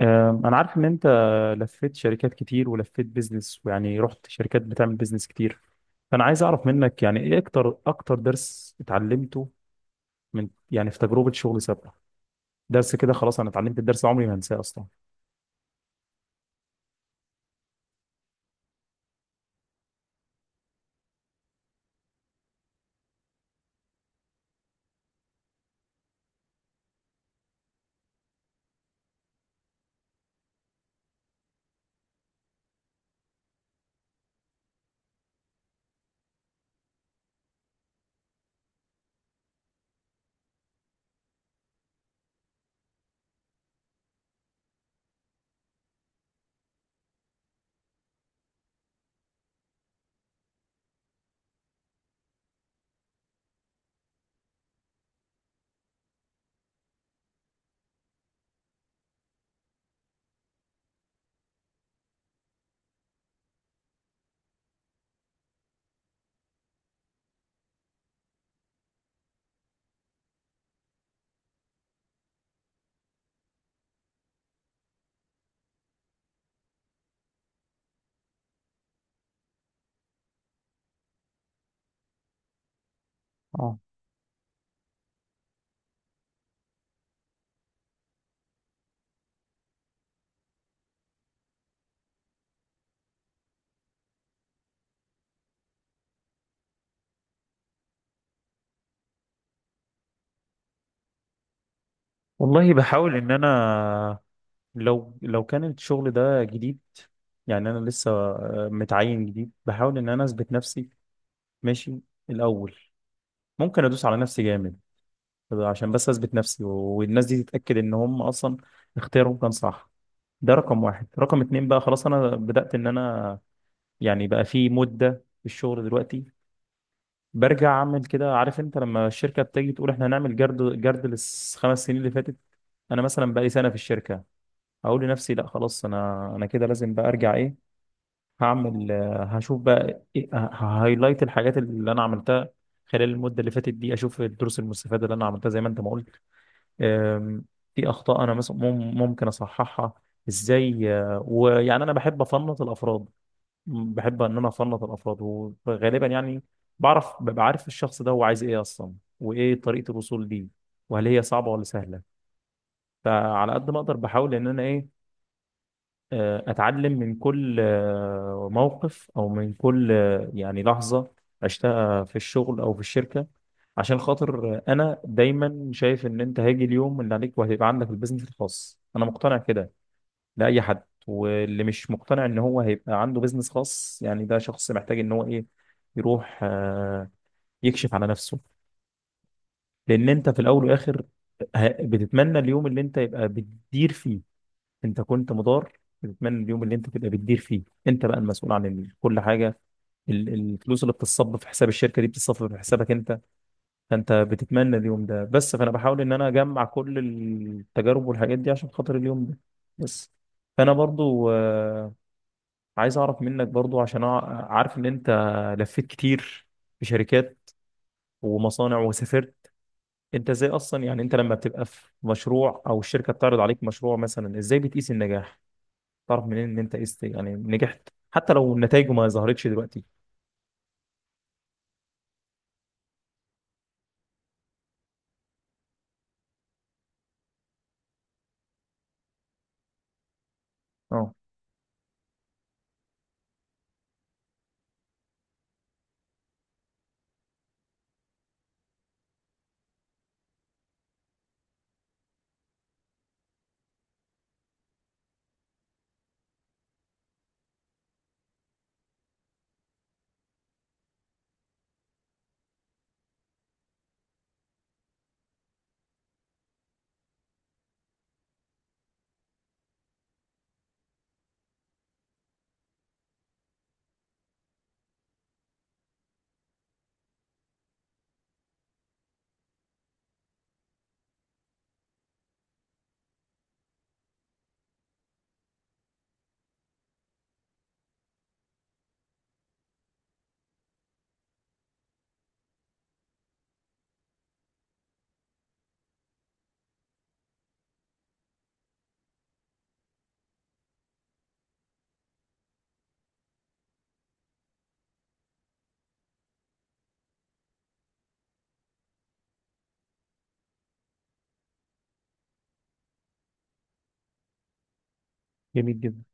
أنا عارف إن أنت لفيت شركات كتير ولفيت بيزنس ويعني رحت شركات بتعمل بيزنس كتير. فأنا عايز أعرف منك يعني إيه أكتر درس اتعلمته من يعني في تجربة شغل سابقة. درس كده خلاص أنا اتعلمت الدرس ده عمري ما هنساه أصلا. اه. والله بحاول إن أنا، لو كان الشغل ده جديد، يعني أنا لسه متعين جديد، بحاول إن أنا أثبت نفسي، ماشي، الأول. ممكن أدوس على نفسي جامد عشان بس اثبت نفسي والناس دي تتاكد ان هم اصلا اختيارهم كان صح. ده رقم واحد. رقم اتنين بقى خلاص انا بدات ان انا يعني بقى في مده في الشغل دلوقتي برجع اعمل كده. عارف انت لما الشركه بتيجي تقول احنا هنعمل جرد جرد للخمس سنين اللي فاتت، انا مثلا بقى لي سنه في الشركه اقول لنفسي، لا خلاص انا كده لازم بقى ارجع ايه. هعمل آه، هشوف بقى إيه هايلايت الحاجات اللي انا عملتها خلال المده اللي فاتت دي، اشوف الدروس المستفاده اللي انا عملتها زي ما انت ما قلت. آم، في اخطاء انا مثلا ممكن اصححها ازاي. ويعني انا بحب افنط الافراد. بحب ان انا افنط الافراد، وغالبا يعني ببقى عارف الشخص ده هو عايز ايه اصلا، وايه طريقة الوصول ليه، وهل هي صعبة ولا سهلة. فعلى قد ما اقدر بحاول ان انا إيه، اتعلم من كل موقف، او من كل يعني لحظه عشتها في الشغل او في الشركه، عشان خاطر انا دايما شايف ان انت هيجي اليوم اللي عليك وهيبقى عندك البيزنس الخاص. انا مقتنع كده لاي حد، واللي مش مقتنع ان هو هيبقى عنده بيزنس خاص يعني ده شخص محتاج ان هو ايه، يروح يكشف على نفسه. لان انت في الاول والاخر بتتمنى اليوم اللي انت يبقى بتدير فيه. انت كنت مدار، بتتمنى اليوم اللي انت تبقى بتدير فيه انت، بقى المسؤول عن كل حاجه. الفلوس اللي بتتصب في حساب الشركه دي بتتصب في حسابك انت. فانت بتتمنى اليوم ده بس. فانا بحاول ان انا اجمع كل التجارب والحاجات دي عشان خاطر اليوم ده بس. فانا برضو عايز اعرف منك برضو عشان عارف ان انت لفيت كتير في شركات ومصانع وسافرت. انت ازاي اصلا، يعني انت لما بتبقى في مشروع او الشركه بتعرض عليك مشروع مثلا، ازاي بتقيس النجاح؟ تعرف منين ان انت يعني نجحت حتى لو نتائجه ما ظهرتش دلوقتي؟ اه. جميل جدا،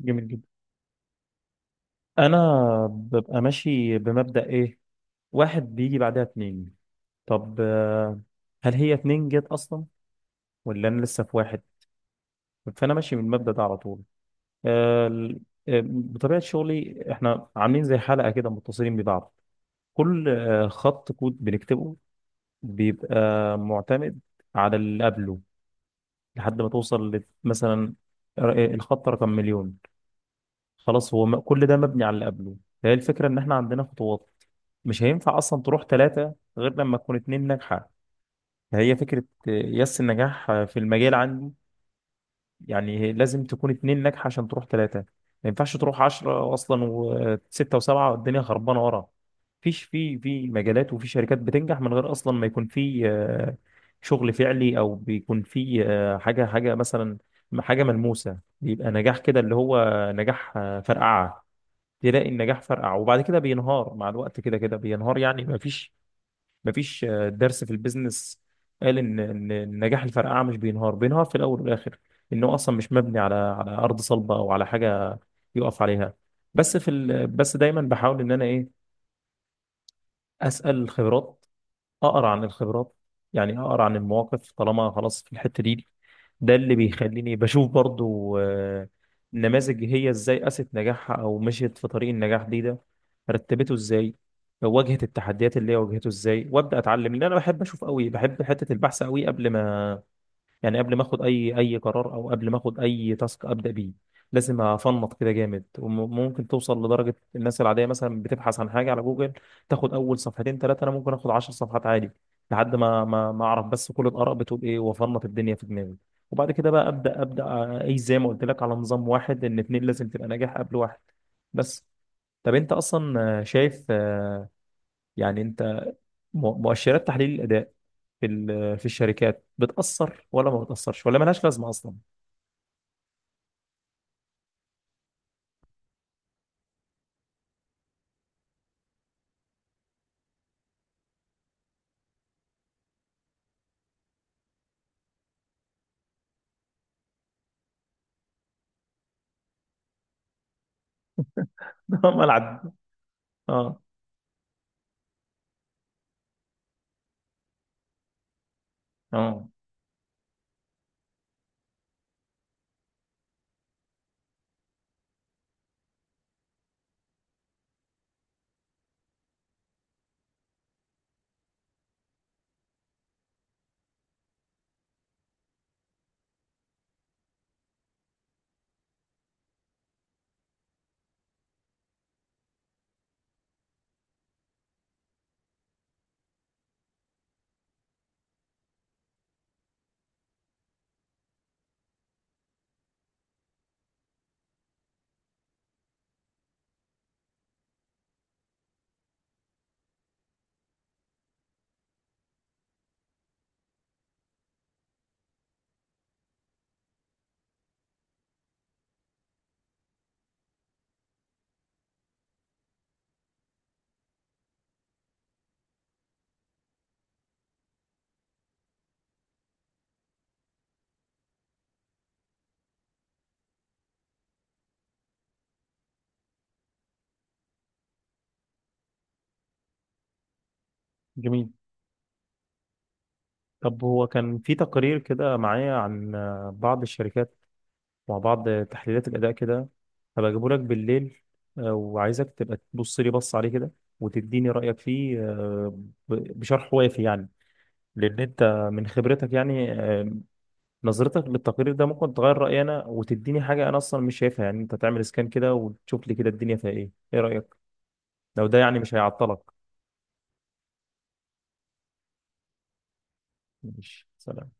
جميل جدا. انا ببقى ماشي بمبدأ ايه، واحد بيجي بعدها اتنين. طب هل هي اتنين جت اصلا ولا انا لسه في واحد؟ فانا ماشي من المبدأ ده على طول. آه، ال- بطبيعة شغلي احنا عاملين زي حلقة كده متصلين ببعض. كل خط كود بنكتبه بيبقى معتمد على اللي قبله، لحد ما توصل مثلا الخط رقم مليون. خلاص هو كل ده مبني على اللي قبله. فهي الفكرة ان احنا عندنا خطوات، مش هينفع اصلا تروح ثلاثة غير لما تكون اتنين ناجحة. فهي فكرة يس النجاح في المجال عندي. يعني لازم تكون اتنين ناجحة عشان تروح ثلاثة. ما ينفعش تروح عشرة اصلا وستة وسبعة والدنيا خربانة ورا. فيش في مجالات وفي شركات بتنجح من غير اصلا ما يكون في شغل فعلي، او بيكون في حاجة مثلا، حاجة ملموسة، بيبقى نجاح كده اللي هو نجاح فرقعة. تلاقي النجاح فرقع وبعد كده بينهار، مع الوقت كده كده بينهار. يعني مفيش درس في البيزنس قال ان النجاح الفرقعه مش بينهار في الاول والاخر. انه اصلا مش مبني على ارض صلبه او على حاجه يقف عليها. بس دايما بحاول ان انا ايه، اسال الخبرات، اقرا عن الخبرات، يعني اقرا عن المواقف. طالما خلاص في الحته دي، ده اللي بيخليني بشوف برضو نماذج هي ازاي قاست نجاحها او مشيت في طريق النجاح دي، ده رتبته ازاي، واجهت التحديات اللي هي واجهته ازاي، وابدا اتعلم. لان انا بحب اشوف قوي، بحب حته البحث قوي قبل ما يعني، قبل ما اخد اي قرار او قبل ما اخد اي تاسك ابدا بيه لازم افنط كده جامد. وممكن توصل لدرجه، الناس العاديه مثلا بتبحث عن حاجه على جوجل تاخد اول صفحتين ثلاثه، انا ممكن اخد 10 صفحات عادي لحد ما اعرف بس كل الاراء بتقول ايه، وافنط الدنيا في دماغي. وبعد كده بقى ابدا اي زي ما قلت لك على نظام واحد، ان اتنين لازم تبقى ناجح قبل واحد بس. طب انت اصلا شايف، يعني انت مؤشرات تحليل الاداء في الشركات بتاثر ولا ما بتاثرش ولا ملهاش لازمه اصلا؟ ده ملعب. اه. اه، جميل. طب هو كان في تقرير كده معايا عن بعض الشركات مع بعض تحليلات الاداء كده، هبقى اجيبه لك بالليل. وعايزك تبقى تبص لي بص عليه كده وتديني رايك فيه، بشرح وافي يعني. لان انت من خبرتك يعني، نظرتك للتقرير ده ممكن تغير رأيي أنا وتديني حاجة أنا أصلا مش شايفها. يعني أنت تعمل سكان كده وتشوف لي كده الدنيا فيها إيه، إيه رأيك؟ لو ده يعني مش هيعطلك. ماشي، سلام.